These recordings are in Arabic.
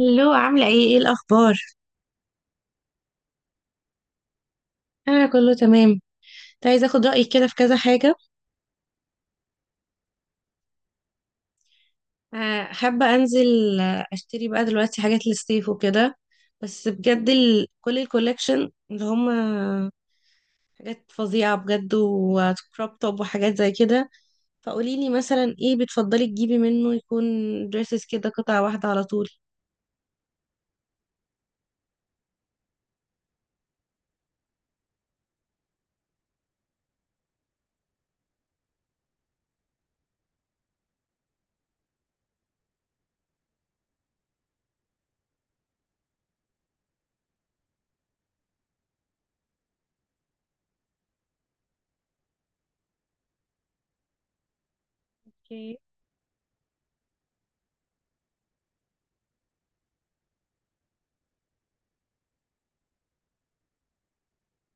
هلو، عاملة ايه الأخبار؟ أنا كله تمام. كنت عايزة أخد رأيك كده في كذا حاجة. حابة أنزل، أشتري بقى دلوقتي حاجات للصيف وكده. بس بجد كل الكوليكشن اللي هم حاجات فظيعة بجد، وكروب توب وحاجات زي كده. فقوليلي مثلا ايه بتفضلي تجيبي منه، يكون دريسز كده قطعة واحدة على طول.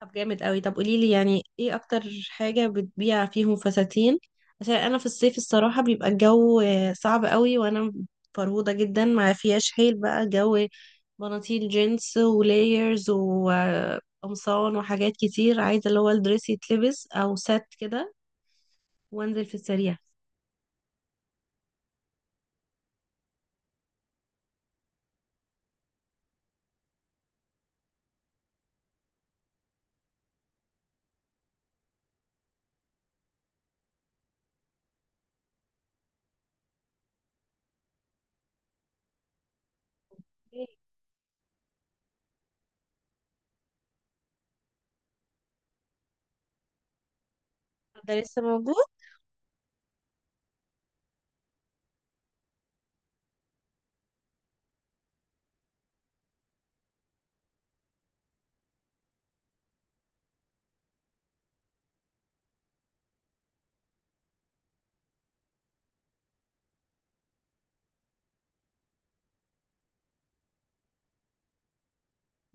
طب جامد قوي. طب قولي لي يعني ايه اكتر حاجة بتبيع فيهم فساتين، عشان انا في الصيف الصراحة بيبقى الجو صعب قوي، وانا فرهودة جدا ما فيهاش حيل بقى جو. بناطيل جينز ولايرز وقمصان وحاجات كتير، عايزة اللي هو الدريس يتلبس او سات كده وانزل في السريع. إيه، ده لسه موجود؟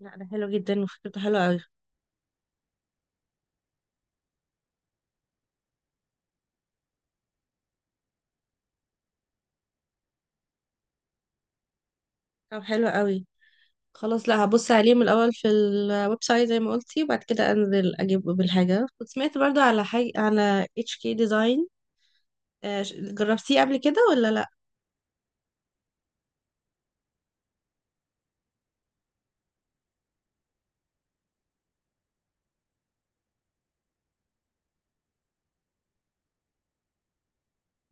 لا، ده حلو جدا وفكرته حلوة قوي. طب حلو قوي. خلاص، لا هبص عليه من الاول في الويب سايت زي ما قلتي، وبعد كده انزل اجيب بالحاجه. كنت سمعت برضو على حاجه على اتش كي ديزاين، جربتيه قبل كده ولا لا؟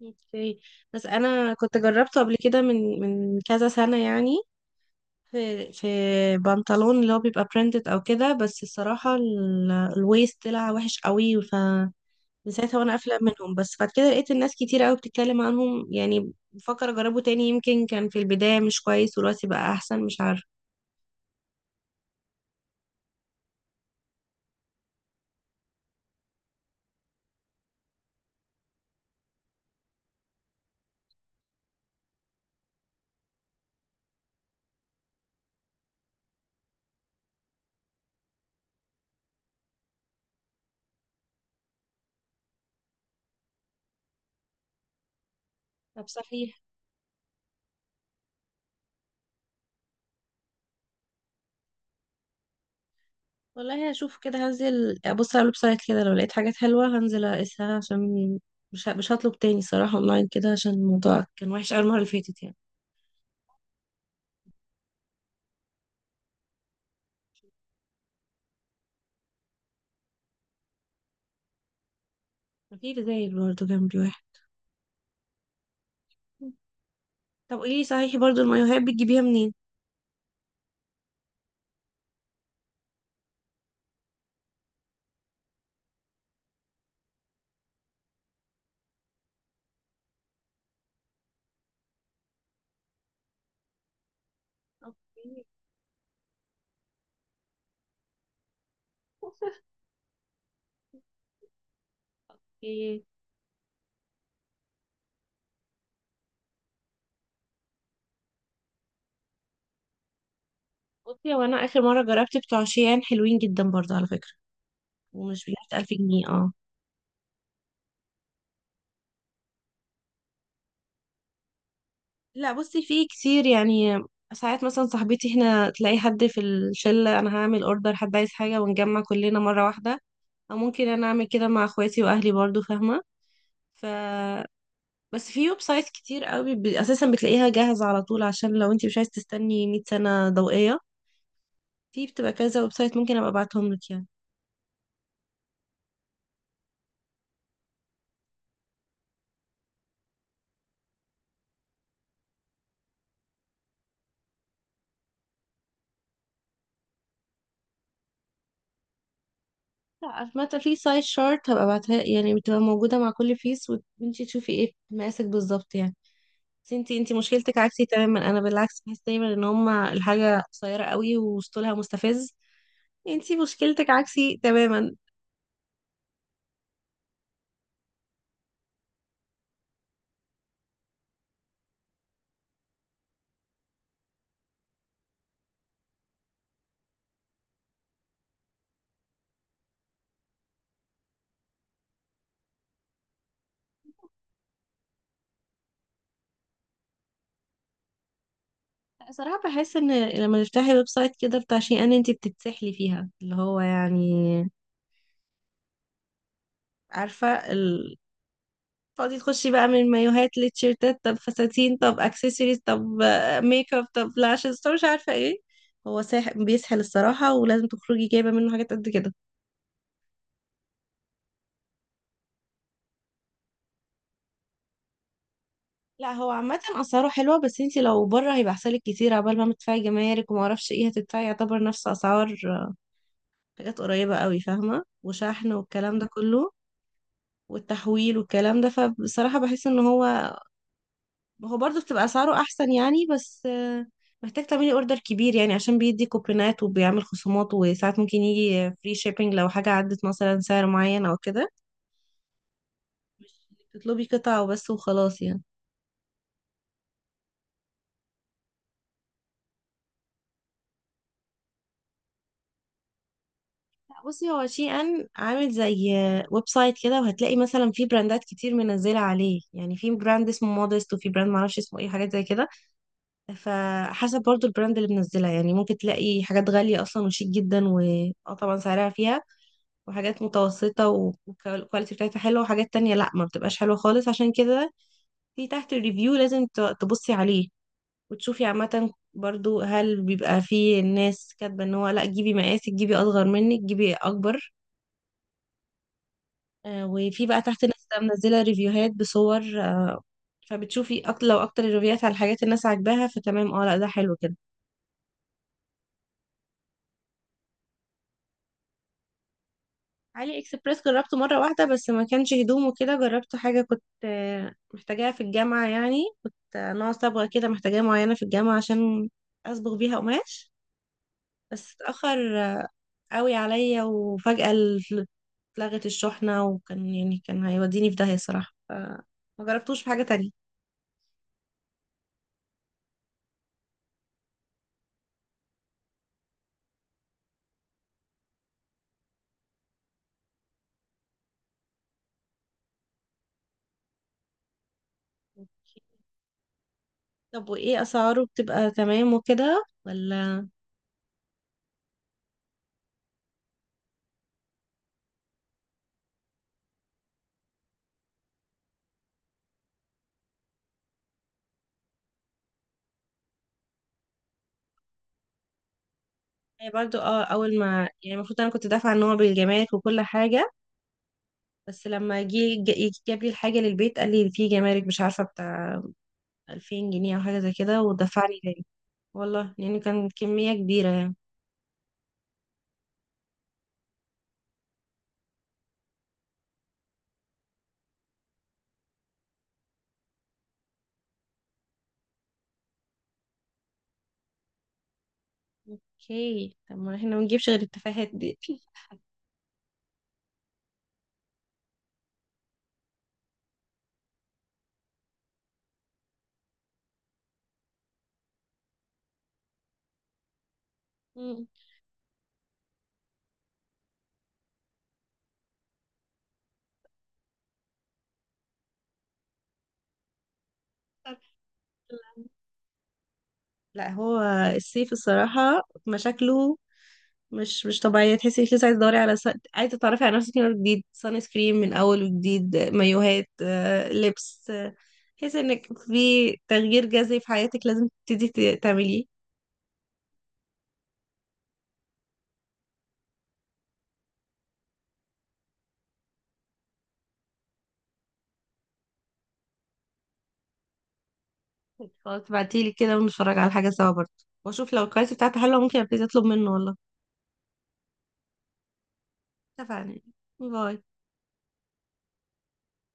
اوكي. بس انا كنت جربته قبل كده من كذا سنه يعني. في بنطلون اللي هو بيبقى برينتد او كده، بس الصراحه الويست طلع وحش قوي، ف من ساعتها وانا قافله منهم. بس بعد كده لقيت الناس كتير قوي بتتكلم عنهم، يعني بفكر اجربه تاني. يمكن كان في البدايه مش كويس ودلوقتي بقى احسن، مش عارفه. طب صحيح، والله هشوف كده، هنزل ابص على الويب سايت كده، لو لقيت حاجات حلوه هنزل اقيسها، عشان مش هطلب تاني صراحه اونلاين كده، عشان الموضوع كان وحش قوي المره اللي فاتت يعني. في زي برضه جنبي واحد. طب قولي لي صحيح، برضه المايوهات بتجيبيها منين؟ اوكي. اوكي. بصي، هو انا اخر مره جربت بتوع شيان حلوين جدا برضه على فكره، ومش بيحت 1000 جنيه. اه لا، بصي في كتير يعني. ساعات مثلا صاحبتي هنا تلاقي حد في الشلة، انا هعمل اوردر حد عايز حاجة ونجمع كلنا مرة واحدة. او ممكن انا اعمل كده مع اخواتي واهلي برضو، فاهمة؟ ف بس في ويب سايت كتير قوي، اساسا بتلاقيها جاهزة على طول عشان لو انت مش عايز تستني 100 سنة ضوئية. في بتبقى كذا ويب سايت، ممكن ابقى ابعتهم لك يعني. لا مثلا في سايت شارت هبقى ابعتها، يعني بتبقى موجودة مع كل فيس وانت تشوفي ايه مقاسك بالظبط يعني. بس انتي مشكلتك عكسي تماما. انا بالعكس بحس دايما ان هما الحاجة قصيرة قوي وسطولها مستفز. انتي مشكلتك عكسي تماما. صراحة بحس ان لما تفتحي ويب سايت كده بتاع شيء، ان انتي بتتسحلي فيها، اللي هو يعني، عارفة تقعدي تخشي بقى من مايوهات لتيشيرتات، طب فساتين، طب اكسسوارز، طب ميك اب، طب لاشز، طب مش عارفة ايه. هو بيسحل الصراحة، ولازم تخرجي جايبة منه حاجات قد كده. لا هو عامة أسعاره حلوة، بس انتي لو بره هيبقى أحسنلك كتير، عبال ما تدفعي جمارك وما اعرفش ايه هتدفعي، يعتبر نفس أسعار حاجات قريبة قوي، فاهمة، وشحن والكلام ده كله والتحويل والكلام ده. فبصراحة بحس ان هو، هو برضه بتبقى أسعاره أحسن يعني، بس محتاج تعملي اوردر كبير يعني، عشان بيدي كوبونات وبيعمل خصومات، وساعات ممكن يجي فري شيبينج لو حاجة عدت مثلا سعر معين أو كده، مش إنك تطلبي قطعة وبس وخلاص يعني. بصي، هو شي ان عامل زي ويب سايت كده، وهتلاقي مثلا في براندات كتير منزله عليه، يعني في براند اسمه مودست وفي براند معرفش اسمه ايه، حاجات زي كده. فحسب برضو البراند اللي منزلها يعني، ممكن تلاقي حاجات غاليه اصلا وشيك جدا و اه طبعا سعرها فيها، وحاجات متوسطه والكواليتي بتاعتها حلوه، وحاجات تانية لا ما بتبقاش حلوه خالص. عشان كده في تحت الريفيو لازم تبصي عليه وتشوفي عامه برضو، هل بيبقى فيه الناس كاتبه ان هو لا جيبي مقاسك، جيبي اصغر منك، جيبي اكبر. وفي بقى تحت لسه منزله ريفيوهات بصور. آه، فبتشوفي اكتر، لو اكتر الريفيوهات على الحاجات الناس عاجباها فتمام. اه لا، ده حلو كده. علي اكسبريس جربته مره واحده بس، ما كانش هدوم وكده. جربته حاجه كنت محتاجاها في الجامعه يعني، كنت نوع صبغه كده محتاجاها معينه في الجامعه عشان اصبغ بيها قماش. بس اتاخر قوي عليا، وفجاه اتلغت الشحنه، وكان يعني كان هيوديني في داهيه صراحه. ما جربتوش في حاجه تانية. طب وايه اسعاره بتبقى تمام وكده، ولا؟ هي برضو، اه اول ما يعني المفروض انا كنت دافعه ان هو بالجمارك وكل حاجه، بس لما جه جاب لي الحاجه للبيت، قال لي في جمارك مش عارفه بتاع 2000 جنيه او حاجه زي كده، ودفع لي تاني. والله يعني كان كميه كبيره يعني. اوكي، طب ما احنا ما نجيبش غير التفاهات دي. مم. طب يلا. لا هو الصيف الصراحه مشاكله، مش مش طبيعية، تحسي انك لسه عايزة تدوري على عايزة تتعرفي على نفسك من أول جديد، سان سكرين من أول وجديد، مايوهات، لبس، تحسي انك في تغيير جذري في حياتك لازم تبتدي تعمليه. خلاص تبعتيلي كده ونتفرج على حاجة سوا برضه، واشوف لو الكواليتي بتاعتها حلوة ممكن ابتدي اطلب منه والله. اتفقنا. باي.